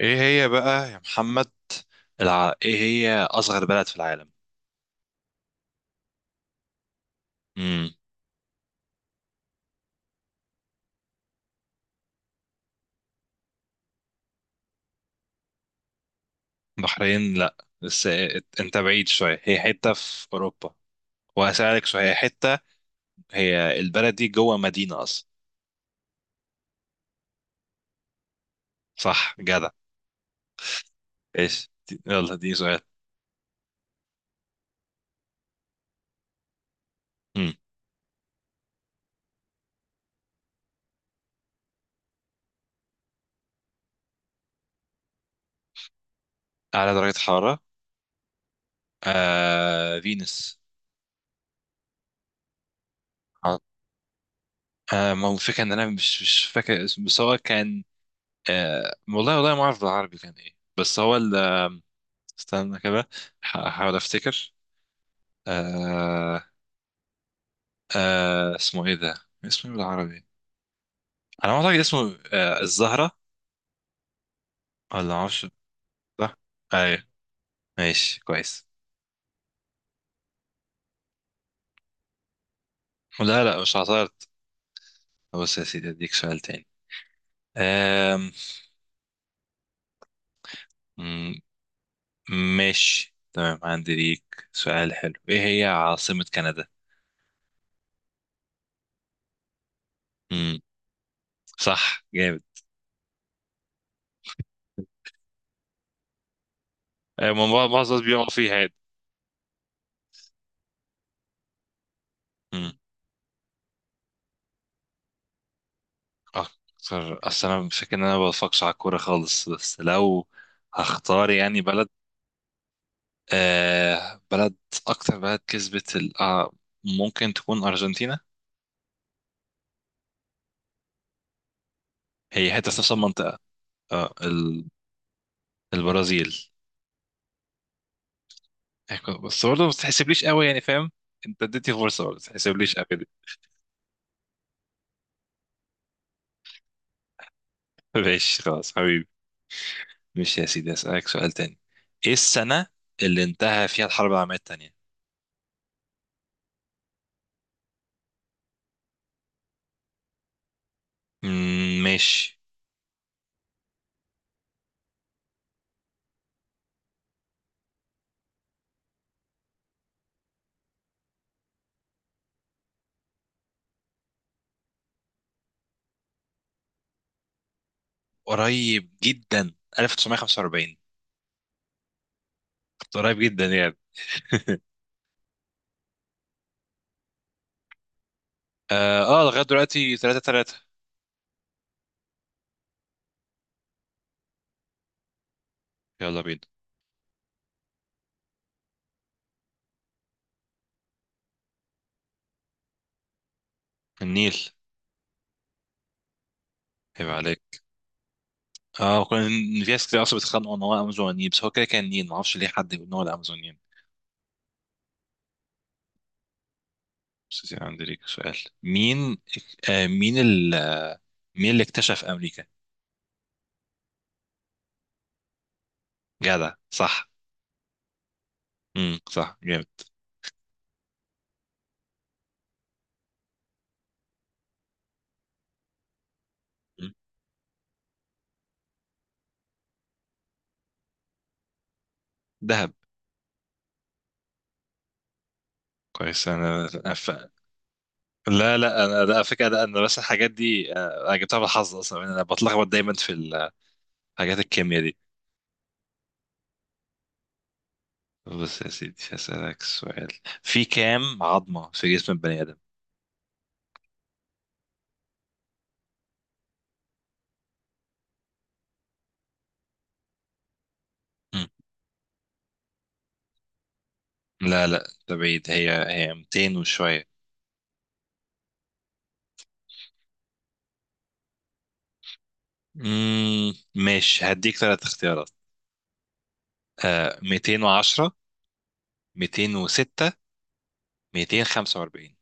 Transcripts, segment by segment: ايه هي بقى يا محمد؟ ايه هي اصغر بلد في العالم؟ امم. بحرين، لا. بس إيه، انت بعيد شويه، هي حته في اوروبا. وهسألك شويه هي حته. هي البلد دي جوه مدينه اصلا؟ صح، جدع. يلا، دي سؤال. امم. اعلى درجه حراره. فينوس. آه... ما هو الفكره ان انا مش فاكر اسمه، بس هو كان. والله والله ما اعرف بالعربي كان ايه، بس هو استنى كده. هحاول افتكر. آه... اسمه ايه ده؟ اسمه ايه بالعربي؟ انا ما اعتقد اسمه الزهرة. ولا معرفش. صح. ايوه. ماشي، كويس. لا، لا، مش عثرت. بص يا سيدي، اديك سؤال تاني. آم... مم، ماشي، تمام، عندي ليك سؤال حلو. ايه هي عاصمة كندا؟ مم. صح، جامد. معظم الناس بيقعوا فيها يعني. مم. اكتر؟ اصل انا فاكر ان انا ما بفكش على الكورة خالص، بس لو هختار يعني بلد. بلد. أكتر بلد كسبت ممكن تكون أرجنتينا. هي حتة في نفس المنطقة. آه ال- البرازيل. بس برضه ما تحسبليش قوي يعني، فاهم؟ أنت اديتني فرصة، برضه ما تحسبليش قوي كده. ماشي، خلاص حبيبي. ماشي يا سيدي، أسألك سؤال تاني. إيه السنة اللي انتهى فيها الحرب العالمية التانية؟ مم، ماشي. قريب جدا، 1945. قريب جدا يعني. اه، لغاية دلوقتي 3-3. يلا بينا. النيل. هيبقى عليك. اه كان. في ناس كتير اصلا بيتخانقوا ان هو امازوني، بس هو كده كان نين معرفش ليه حد يقول ان هو الامازونيين. بس يعني عندي ليك سؤال. مين؟ آه مين ال... مين اللي اكتشف امريكا؟ جدع، صح. صح، جامد. مم. دهب. كويس، انا لا، لا، انا لا، على فكره، لا، انا بس الحاجات دي، انا جبتها بالحظ اصلا يعني، انا بتلخبط دايما في الحاجات. الكيمياء دي. بص يا سيدي، هسألك سؤال. في كام عظمة في جسم البني آدم؟ مم. لا، لا، ده بعيد، هي 200 وشوية. ماشي، هديك ثلاث اختيارات. 210. 206. 245.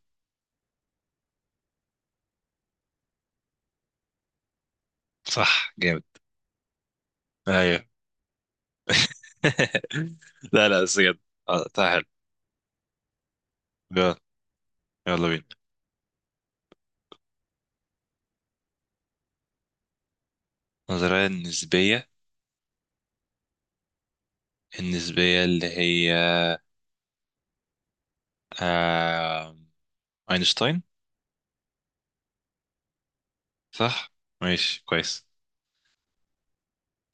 صح، جامد. ايوه. لا، لا، بس بجد. طيب، حلو. يلا. يلا بينا. النظرية النسبية. النسبية اللي هي آه اينشتاين. صح. ماشي، كويس.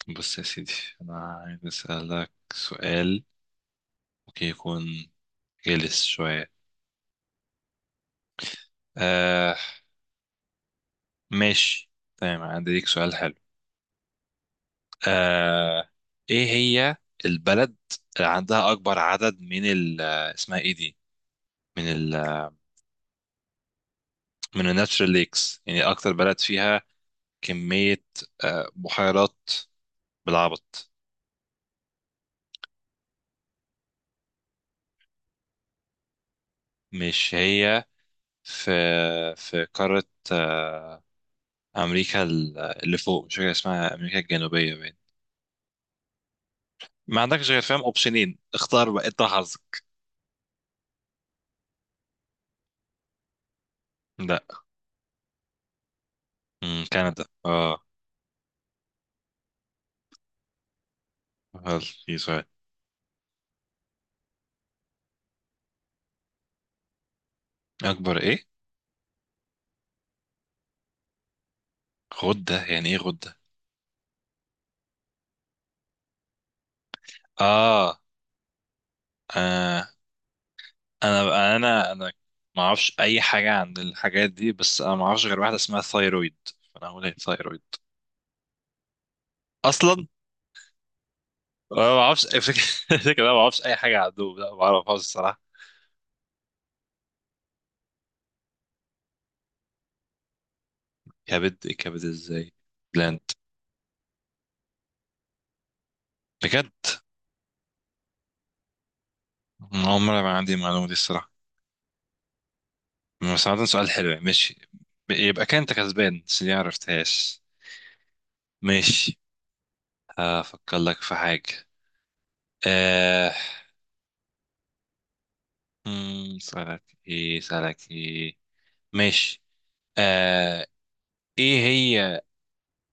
بص يا سيدي. انا عايز اسألك سؤال. ممكن يكون جلس شوية. آه ماشي، تمام، عندي ليك سؤال حلو. آه ايه هي البلد اللي عندها اكبر عدد من ال آه، اسمها ايه دي، من ال آه، من الناتشرال ليكس يعني، اكتر بلد فيها كمية، بحيرات، بالعبط. مش هي في في قارة، آه امريكا اللي فوق مش فاكر اسمها، امريكا الجنوبية باين. ما عندكش غير، فاهم؟ اوبشنين، اختار بقى، انت حظك. لا. كندا، اه. هل في سؤال؟ اكبر ايه؟ غدة؟ يعني ايه غدة؟ اه. آه، انا ما اعرفش اي حاجه عن الحاجات دي، بس انا ما اعرفش غير واحده اسمها ثايرويد. فانا هقول ايه، ثايرويد. اصلا انا ما اعرفش الفكره. الفكرة، انا ما اعرفش اي حاجه عنه، لا، ما اعرفهاش الصراحه. كبد؟ كبد ازاي؟ بلاند؟ بجد؟ أنا اول مره ما عندي المعلومه دي الصراحه. بس عامة، سؤال حلو يعني، ماشي. يبقى كان انت كسبان، بس دي ما عرفتهاش. ماشي. هفكر لك في حاجه. آه... سألك ايه، سألك ايه؟ ماشي. آه... ايه هي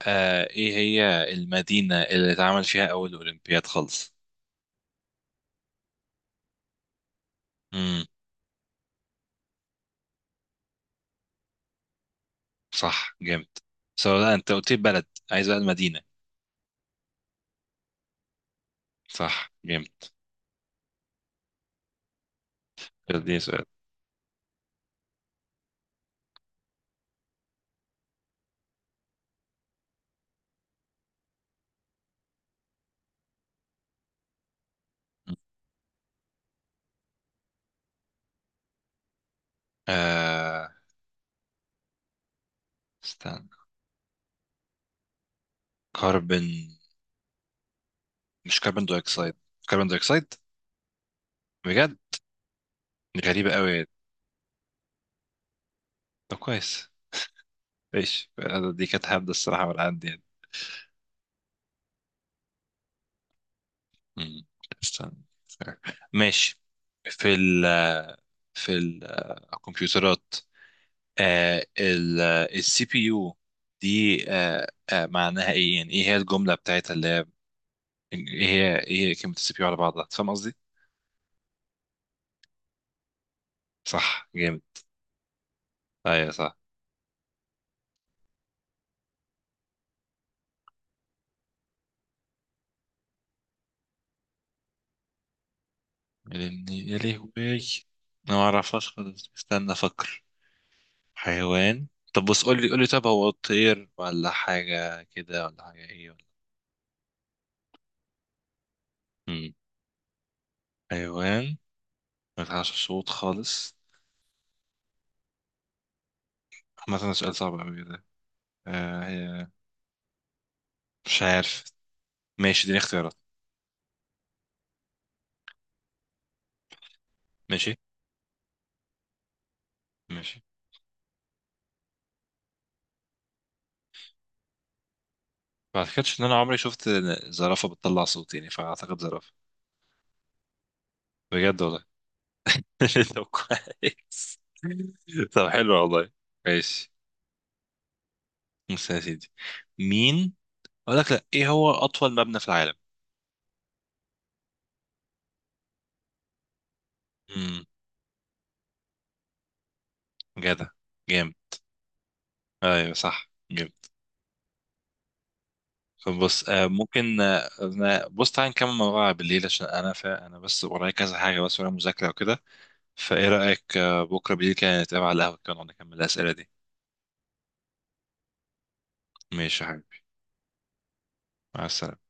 ايه هي المدينة اللي اتعمل فيها اول اولمبياد خالص؟ امم. صح، جامد. سؤال، لا، انت قلت لي بلد، عايز بقى المدينة. صح، جامد. دي سؤال. آه استنى. كربون. مش كربون دايوكسيد؟ كربون دايوكسيد. بجد؟ غريبة قوي. طب، كويس. ايش، دي كانت هبدة الصراحة من عندي يعني. مم. استنى. ماشي. في ال في الكمبيوترات، السي بي يو دي، آه، معناها ايه يعني، ايه هي الجمله بتاعتها اللي هي ايه هي كلمه السي بي يو على بعضها، فاهم قصدي؟ صح، جامد. ايوه، صح. لاني، يا لهوي. انا ما اعرفهاش خالص، استنى افكر. حيوان. طب بص، قول لي قول لي، طب هو طير ولا حاجه كده، ولا حاجه ايه، ولا. مم. حيوان ما يطلعش صوت خالص. عامة ده سؤال صعب قوي ده. هي، مش عارف. ماشي، دي اختيارات. ماشي. ماشي. ما اعتقدش ان انا عمري شفت زرافه بتطلع صوت يعني، فاعتقد زرافه. بجد والله. طب، كويس. طب، حلو والله. ماشي. بص يا سيدي، مين اقول لك، لا، ايه هو اطول مبنى في العالم؟ امم. جدع، جامد. ايوه، صح، جامد. طب بص، ممكن، بص تعالى نكمل موضوع بالليل عشان انا انا بس ورايا كذا حاجه، بس ورايا مذاكره وكده. فايه رايك، بكره بالليل كده نتقابل على القهوه كده ونقعد نكمل الاسئله دي؟ ماشي يا حبيبي. مع السلامه.